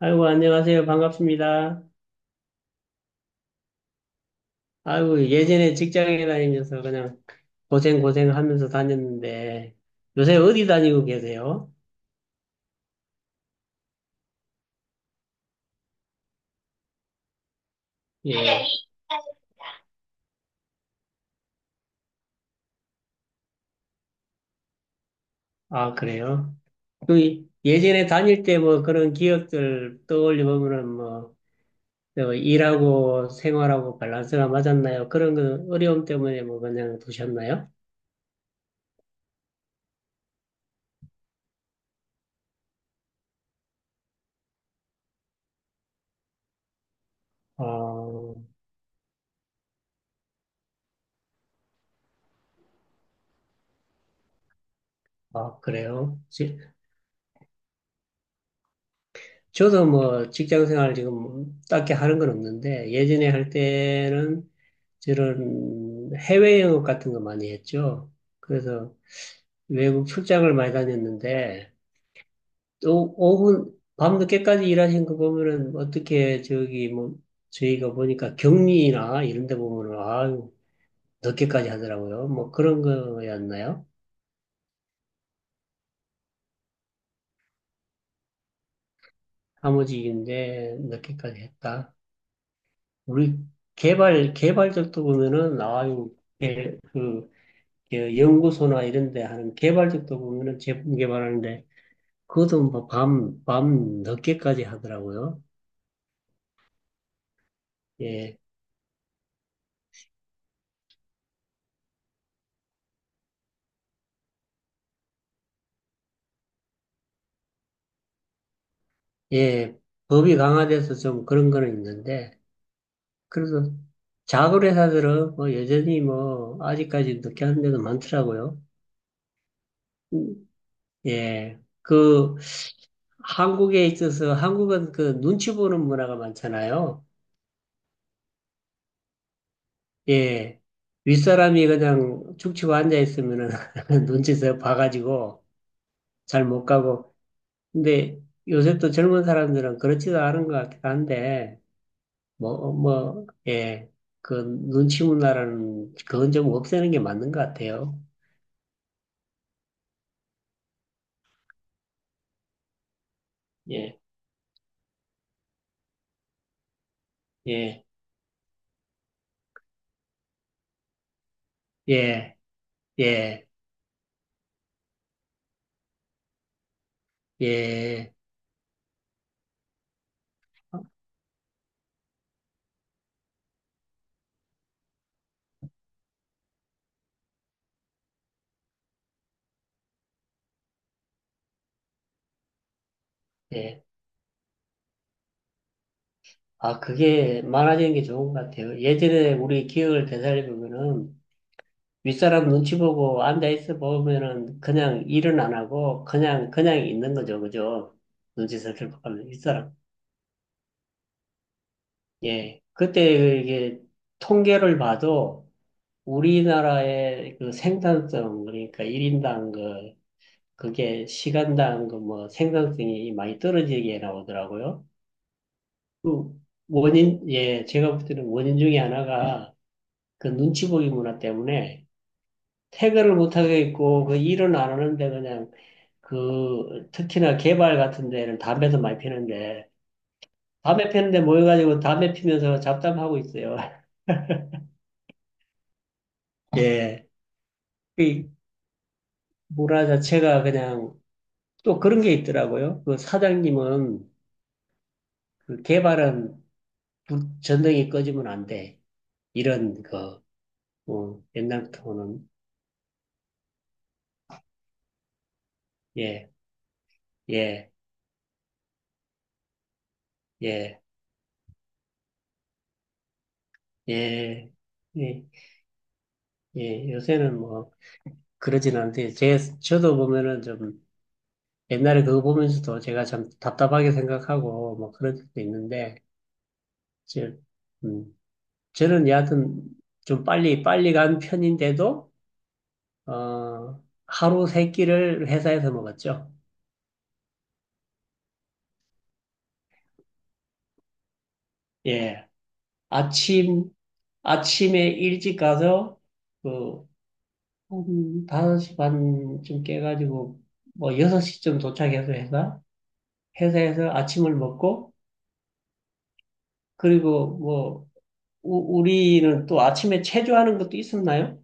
아이고, 안녕하세요. 반갑습니다. 아이고, 예전에 직장에 다니면서 그냥 고생고생 하면서 다녔는데, 요새 어디 다니고 계세요? 예. 아, 그래요? 그 예전에 다닐 때 뭐 그런 기억들 떠올려보면은 뭐, 저 일하고 생활하고 밸런스가 맞았나요? 그런 거 어려움 때문에 뭐 그냥 두셨나요? 어, 아, 그래요? 저도 뭐 직장 생활 지금 딱히 하는 건 없는데, 예전에 할 때는 저런 해외 영업 같은 거 많이 했죠. 그래서 외국 출장을 많이 다녔는데 또 오후 밤늦게까지 일하신 거 보면은 어떻게 저기 뭐 저희가 보니까 격리나 이런 데 보면은 아유 늦게까지 하더라고요. 뭐 그런 거였나요? 사무직인데 늦게까지 했다. 우리 개발 개발적도 보면은 아유 그 연구소나 이런 데 하는 개발적도 보면은 제품 개발하는데 그것도 뭐 밤 늦게까지 하더라고요. 예, 예. 법이 강화돼서 좀 그런 거는 있는데, 그래도 작은 회사들은 뭐 여전히 뭐 아직까지 늦게 하는 데도 많더라고요. 예. 그 한국에 있어서 한국은 그 눈치 보는 문화가 많잖아요. 예. 윗사람이 그냥 죽치고 앉아 있으면은 눈치서 봐가지고 잘 못 가고. 근데 요새 또 젊은 사람들은 그렇지도 않은 것 같긴 한데, 뭐, 뭐, 예. 그 눈치 문화라는 그건 좀 없애는 게 맞는 것 같아요. 예, 예, 예, 예, 예, 예. 아, 그게 많아지는 게 좋은 것 같아요. 예전에 우리 기억을 되살려보면은 윗사람 눈치 보고 앉아있어 보면은 그냥 일은 안 하고 그냥, 그냥 있는 거죠. 그죠? 눈치 살펴보면 윗사람. 예. 그때 이게 통계를 봐도 우리나라의 그 생산성, 그러니까 일인당 그, 그게 시간당 그 뭐 생산성이 많이 떨어지게 나오더라고요. 그 원인, 예, 제가 볼 때는 원인 중에 하나가 그 눈치 보기 문화 때문에 퇴근을 못하게 있고 그 일은 안 하는데 그냥 그 특히나 개발 같은 데는 담배도 많이 피는데 담배 피는데 모여가지고 담배 피면서 잡담하고 있어요. 예. 그 문화 자체가 그냥 또 그런 게 있더라고요. 그 사장님은 그 개발은 전등이 꺼지면 안 돼. 이런 그 어, 옛날부터는 예, 예, 예, 예, 예, 예. 요새는 뭐 그러진 않대. 제 저도 보면은 좀 옛날에 그거 보면서도 제가 참 답답하게 생각하고 뭐 그런 적도 있는데 저, 음, 저는 여하튼 좀 빨리 빨리 간 편인데도 어, 하루 세 끼를 회사에서 먹었죠. 예. 아침, 아침에 일찍 가서, 그, 한 5시 반쯤 깨가지고, 뭐, 6시쯤 도착해서 회사에서 아침을 먹고, 그리고 뭐, 우리는 또 아침에 체조하는 것도 있었나요?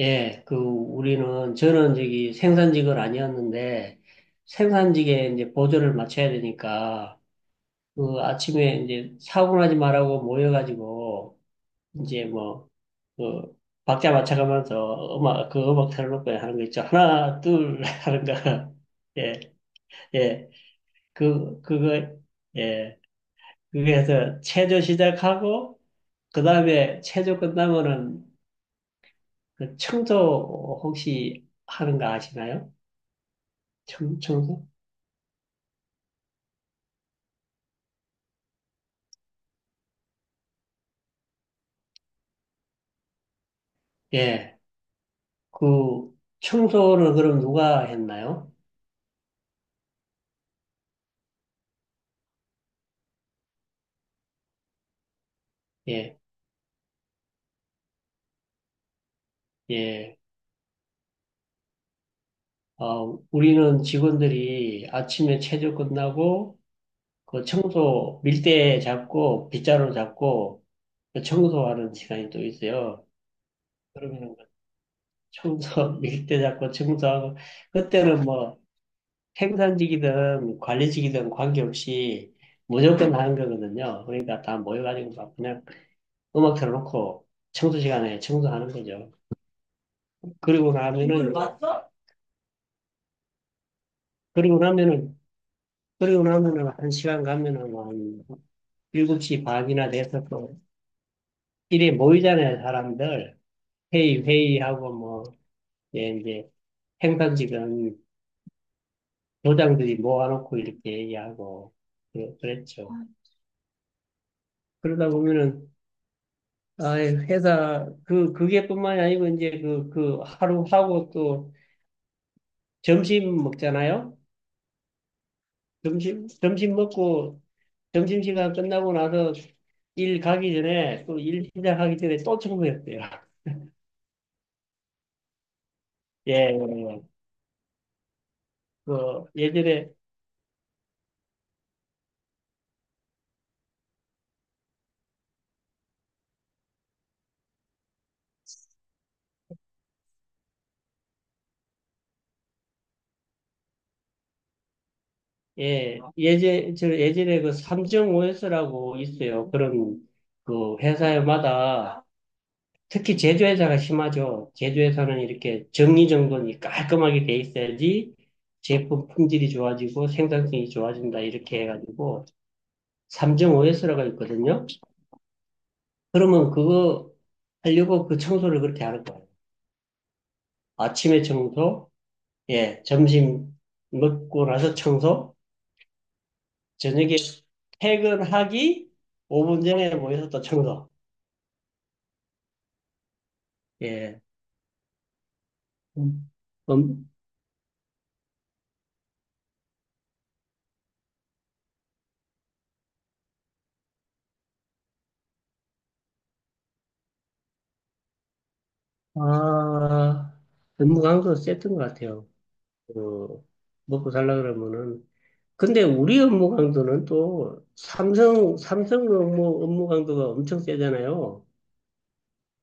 예, 그, 우리는, 저는 저기 생산직은 아니었는데, 생산직에 이제 보조를 맞춰야 되니까, 그 아침에 이제 사고 나지 말라고 모여가지고, 이제 뭐, 그 박자 맞춰가면서 음악 그 음악 틀어놓고 하는 거 있죠. 하나 둘 하는 거. 예, 예. 그 그거 예. 그게 해서 체조 시작하고 그다음에 체조 끝나면은 그 청소 혹시 하는 거 아시나요? 청소? 예. 그 청소는 그럼 누가 했나요? 예. 예. 어, 우리는 직원들이 아침에 체조 끝나고 그 청소 밀대 잡고 빗자루 잡고 그 청소하는 시간이 또 있어요. 그러면 그 청소 밀대 잡고 청소하고 그때는 뭐 생산직이든 관리직이든 관계없이 무조건 하는 거거든요. 그러니까 다 모여가지고 막 그냥 음악 틀어놓고 청소 시간에 청소하는 거죠. 그리고 나면은 그리고 나면은, 그리고 나면은 한 시간 가면은 뭐한 7시 반이나 돼서 또 일에 모이잖아요, 사람들. 회의하고 뭐 예, 이제 행단직은 도장들이 모아놓고 이렇게 얘기하고 그랬죠. 아, 그러다 보면은 아 회사 그게뿐만이 아니고 이제 그 하루 하고 또 점심 먹잖아요. 점심 먹고 점심 시간 끝나고 나서 일 가기 전에 또 일 시작하기 전에 또 청소했대요. 예, 예. 그 예전에 예 예제 저 예전에 그 3.5S라고 있어요. 그런 그 회사마다 특히 제조회사가 심하죠. 제조회사는 이렇게 정리정돈이 깔끔하게 돼 있어야지 제품 품질이 좋아지고 생산성이 좋아진다. 이렇게 해가지고 3.5S라고 있거든요. 그러면 그거 하려고 그 청소를 그렇게 하는 거예요. 아침에 청소, 예, 점심 먹고 나서 청소, 저녁에 퇴근하기 5분 전에 모여서 또 청소. 예. 음, 음, 아, 업무 강도 셌던 것 같아요. 어, 먹고 살라 그러면은. 근데 우리 업무 강도는 또 삼성 업무 강도가 엄청 세잖아요.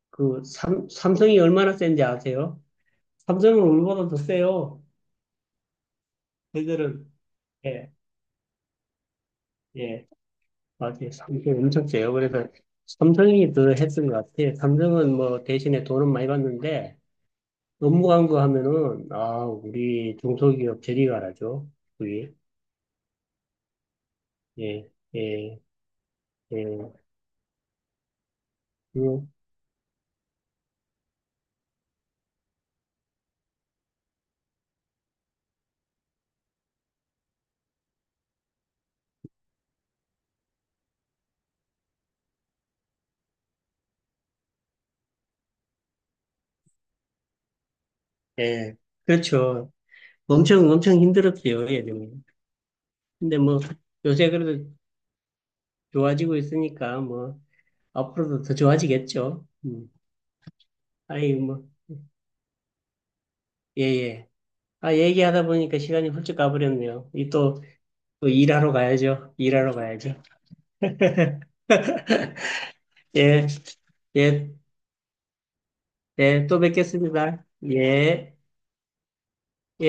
그 삼성이 얼마나 센지 아세요? 삼성은 우리보다 더 세요. 그들은, 예, 예, 맞아요. 삼성이 엄청 세요. 그래서 삼성이 더 했던 것 같아요. 삼성은 뭐 대신에 돈은 많이 받는데 업무 강도 하면은, 아, 우리 중소기업 저리 가라죠. 우리, 예, 예, 예. 그, 예. 그렇죠. 엄청 엄청 힘들었어요, 예전에. 근데 뭐 요새 그래도 좋아지고 있으니까 뭐 앞으로도 더 좋아지겠죠. 음. 아이 뭐 예예. 아 얘기하다 보니까 시간이 훌쩍 가버렸네요. 이 또 일하러 가야죠. 일하러 가야죠. 예, 예, 예, 또 뵙겠습니다. 예, 예.